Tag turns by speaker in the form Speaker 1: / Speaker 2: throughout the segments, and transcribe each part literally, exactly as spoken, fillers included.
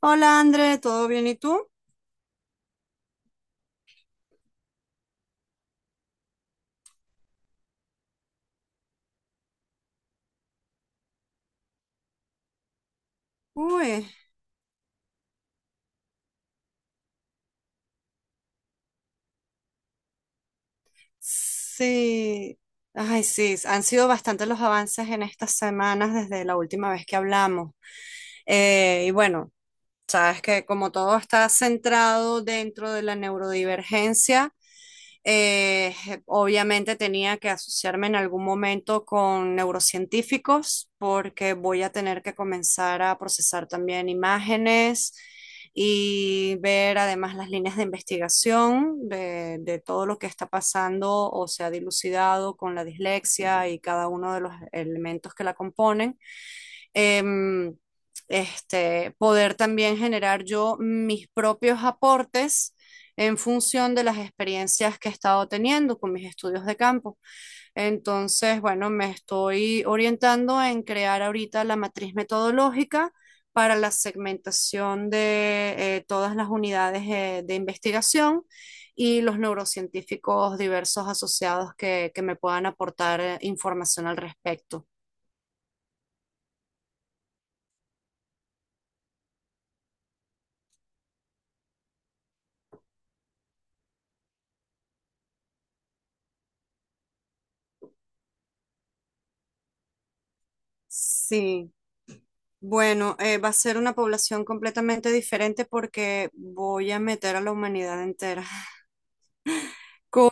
Speaker 1: Hola André, ¿todo bien y tú? Uy, sí. Ay, sí, han sido bastantes los avances en estas semanas desde la última vez que hablamos. Eh, y bueno, sabes que como todo está centrado dentro de la neurodivergencia. Eh, Obviamente tenía que asociarme en algún momento con neurocientíficos porque voy a tener que comenzar a procesar también imágenes y ver además las líneas de investigación de, de todo lo que está pasando o se ha dilucidado con la dislexia y cada uno de los elementos que la componen. Em, este, poder también generar yo mis propios aportes en función de las experiencias que he estado teniendo con mis estudios de campo. Entonces, bueno, me estoy orientando en crear ahorita la matriz metodológica para la segmentación de eh, todas las unidades eh, de investigación y los neurocientíficos diversos asociados que, que me puedan aportar eh, información al respecto. Sí, bueno, eh, va a ser una población completamente diferente porque voy a meter a la humanidad entera. Con,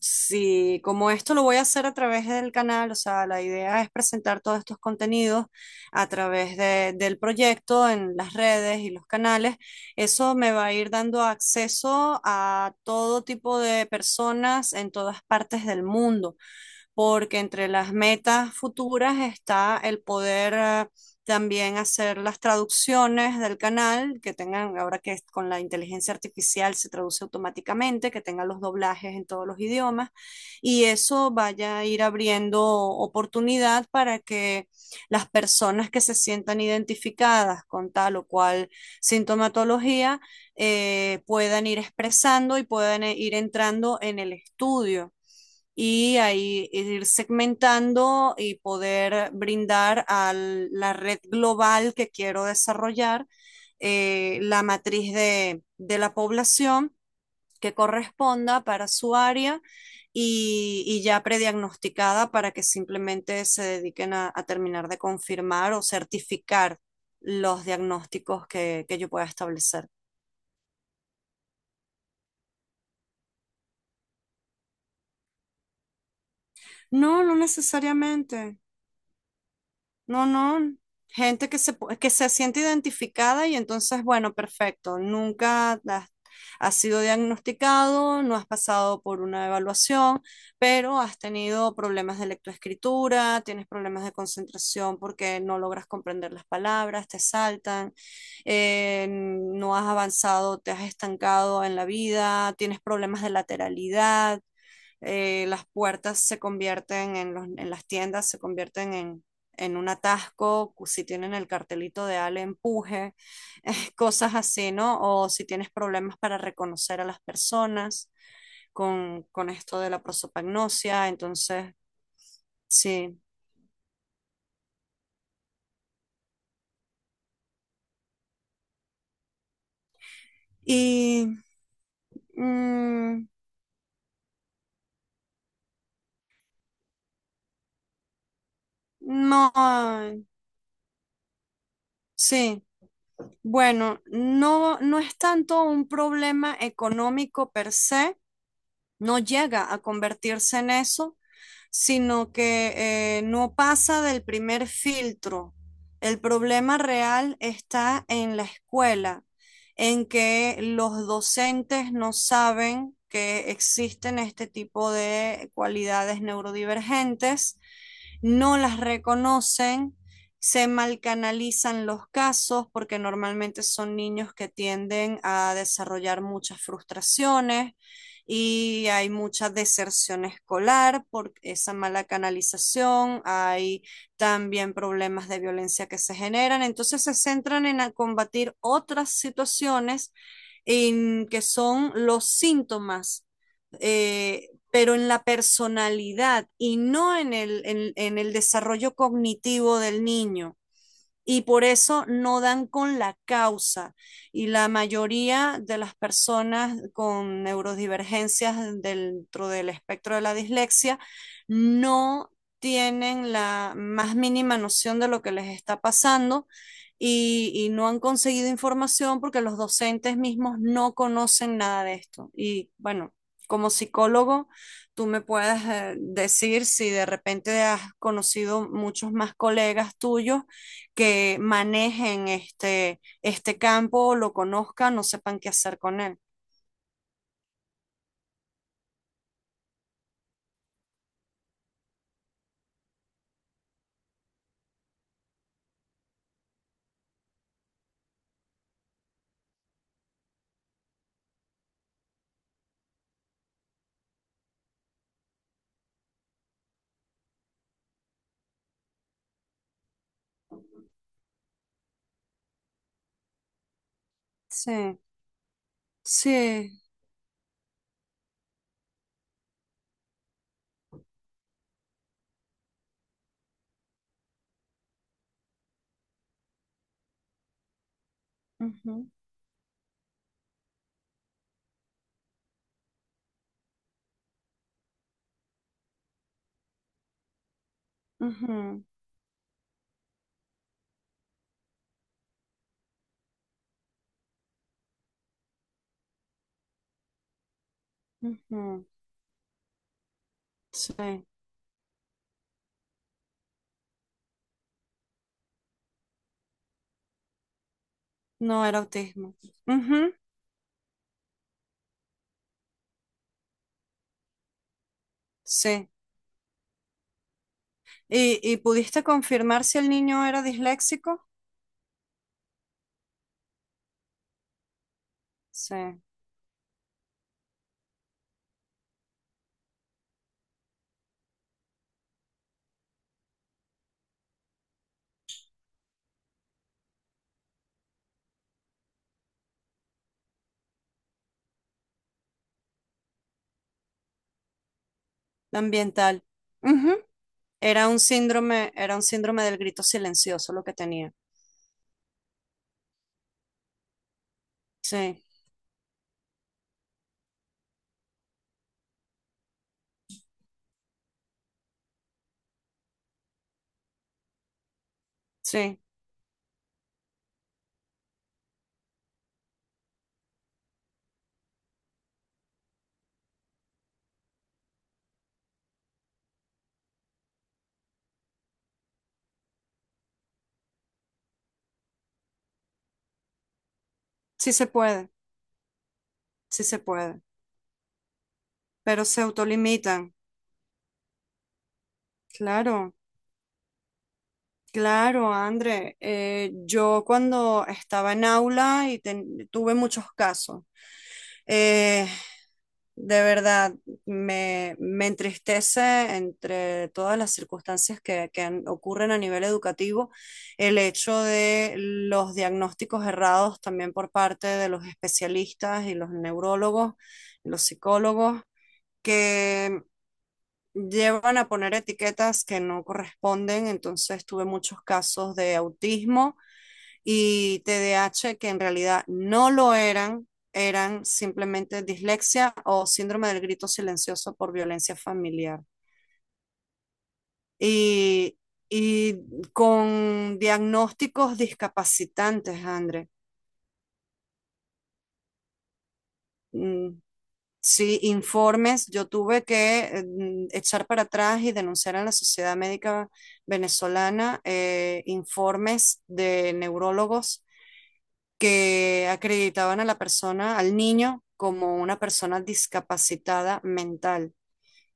Speaker 1: sí, como esto lo voy a hacer a través del canal, o sea, la idea es presentar todos estos contenidos a través de- del proyecto en las redes y los canales. Eso me va a ir dando acceso a todo tipo de personas en todas partes del mundo porque entre las metas futuras está el poder eh, también hacer las traducciones del canal, que tengan, ahora que es con la inteligencia artificial se traduce automáticamente, que tengan los doblajes en todos los idiomas, y eso vaya a ir abriendo oportunidad para que las personas que se sientan identificadas con tal o cual sintomatología, eh, puedan ir expresando y puedan eh, ir entrando en el estudio y ahí ir segmentando y poder brindar a la red global que quiero desarrollar eh, la matriz de, de la población que corresponda para su área y, y, ya prediagnosticada para que simplemente se dediquen a, a terminar de confirmar o certificar los diagnósticos que, que yo pueda establecer. No, no necesariamente. No, no. Gente que se, pu- que se siente identificada y entonces, bueno, perfecto. Nunca has, has sido diagnosticado, no has pasado por una evaluación, pero has tenido problemas de lectoescritura, tienes problemas de concentración porque no logras comprender las palabras, te saltan, eh, no has avanzado, te has estancado en la vida, tienes problemas de lateralidad, eh, las puertas se convierten en, los- en las tiendas, se convierten en, en un atasco, si tienen el cartelito de Ale, empuje, eh, cosas así, ¿no? O si tienes problemas para reconocer a las personas con, con esto de la prosopagnosia, entonces, sí. Y mm, no, ah, sí. Bueno, no, no es tanto un problema económico per se, no llega a convertirse en eso, sino que eh, no pasa del primer filtro. El problema real está en la escuela, en que los docentes no saben que existen este tipo de cualidades neurodivergentes, no las reconocen, se malcanalizan los casos porque normalmente son niños que tienden a desarrollar muchas frustraciones, y hay mucha deserción escolar por esa mala canalización, hay también problemas de violencia que se generan, entonces se centran en combatir otras situaciones en que son los síntomas, eh, pero en la personalidad y no en el, en en el desarrollo cognitivo del niño y por eso no dan con la causa. Y la mayoría de las personas con neurodivergencias dentro del espectro de la dislexia no tienen la más mínima noción de lo que les está pasando y, y no han conseguido información porque los docentes mismos no conocen nada de esto. Y bueno, como psicólogo, tú me puedes eh, decir si de repente has conocido muchos más colegas tuyos que manejen este, este campo, lo conozcan, no sepan qué hacer con él. Sí, sí. Ujú, ujú, ujú. Sí, no era autismo. Ujú. Sí. ¿Y, y pudiste confirmar si el niño era disléxico? Sí, ambiental. Ujú. Era un síndrome, era un síndrome del grito silencioso lo que tenía. Sí, sí, sí se puede, sí se puede, pero se autolimitan. Claro. Claro, André, eh, yo cuando estaba en aula y ten- tuve muchos casos, eh, de verdad me, me entristece entre todas las circunstancias que, que han- ocurren a nivel educativo el hecho de los diagnósticos errados también por parte de los especialistas y los neurólogos, los psicólogos, que llevan a poner etiquetas que no corresponden. Entonces tuve muchos casos de autismo y T D A H que en realidad no lo eran, eran simplemente dislexia o síndrome del grito silencioso por violencia familiar. Y, y con diagnósticos discapacitantes, André. Sí, informes, yo tuve que mm, echar para atrás y denunciar a la Sociedad Médica Venezolana, eh, informes de neurólogos que acreditaban a la persona, al niño, como una persona discapacitada mental.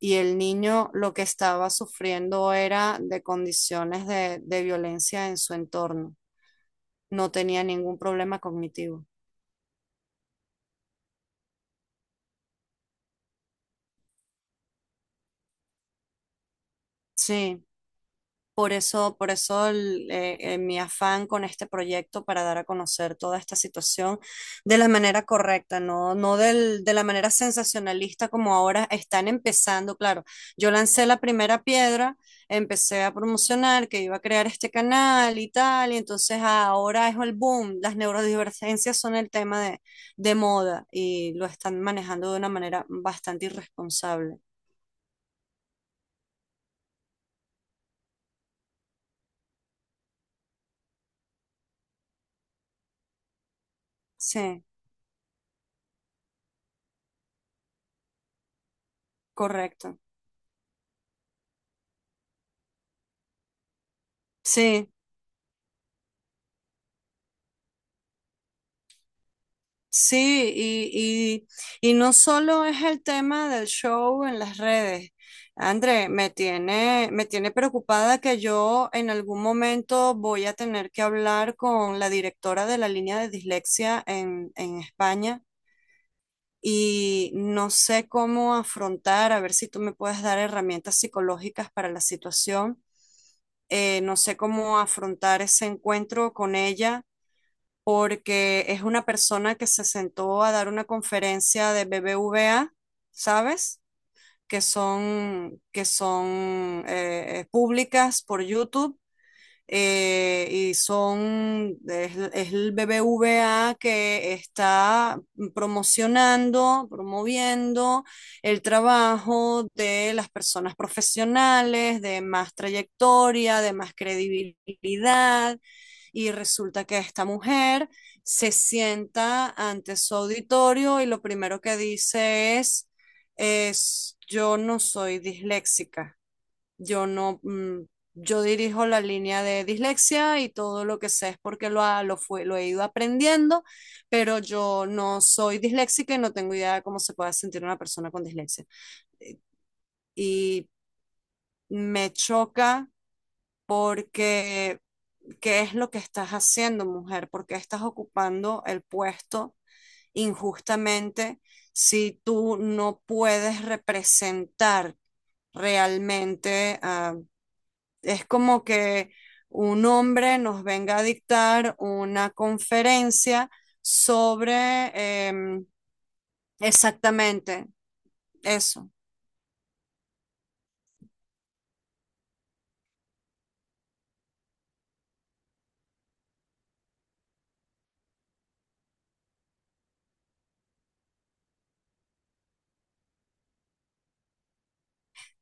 Speaker 1: Y el niño lo que estaba sufriendo era de condiciones de, de violencia en su entorno. No tenía ningún problema cognitivo. Sí. Por eso, por eso el, eh, eh, mi afán con este proyecto para dar a conocer toda esta situación de la manera correcta, no, no del- de la manera sensacionalista como ahora están empezando. Claro, yo lancé la primera piedra, empecé a promocionar que iba a crear este canal y tal, y entonces ahora es el boom. Las neurodivergencias son el tema de, de moda y lo están manejando de una manera bastante irresponsable. Sí, correcto. Sí. Sí, y, y, y no solo es el tema del show en las redes. André, me tiene, me tiene preocupada que yo en algún momento voy a tener que hablar con la directora de la línea de dislexia en, en España y no sé cómo afrontar, a ver si tú me puedes dar herramientas psicológicas para la situación. Eh, no sé cómo afrontar ese encuentro con ella porque es una persona que se sentó a dar una conferencia de B B V A, ¿sabes? Que son, que son eh, eh, públicas por YouTube, eh, y son, es, es el B B V A que está promocionando, promoviendo el trabajo de las personas profesionales, de más trayectoria, de más credibilidad. Y resulta que esta mujer se sienta ante su auditorio y lo primero que dice es, es yo no soy disléxica. Yo no, mm, yo dirijo la línea de dislexia y todo lo que sé es porque lo, ha- lo, fue, lo he ido aprendiendo, pero yo no soy disléxica y no tengo idea de cómo se puede sentir una persona con dislexia. Y me choca porque ¿qué es lo que estás haciendo, mujer? ¿Por qué estás ocupando el puesto injustamente si tú no puedes representar realmente a es como que un hombre nos venga a dictar una conferencia sobre em, exactamente eso.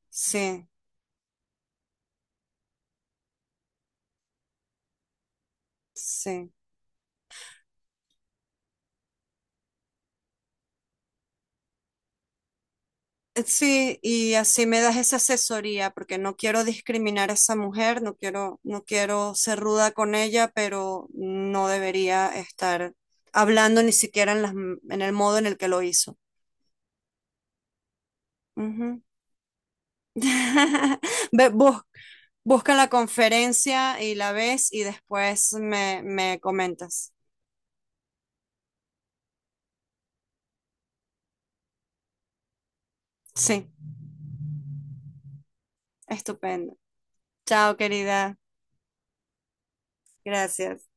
Speaker 1: Sí, sí. Sí, y así me das esa asesoría, porque no quiero discriminar a esa mujer, no quiero, no quiero ser ruda con ella, pero no debería estar hablando ni siquiera en las, en el modo en el que lo hizo. Ujú. Ve, bus- busca la conferencia y la ves y después me, me comentas. Sí, estupendo. Chao, querida. Gracias.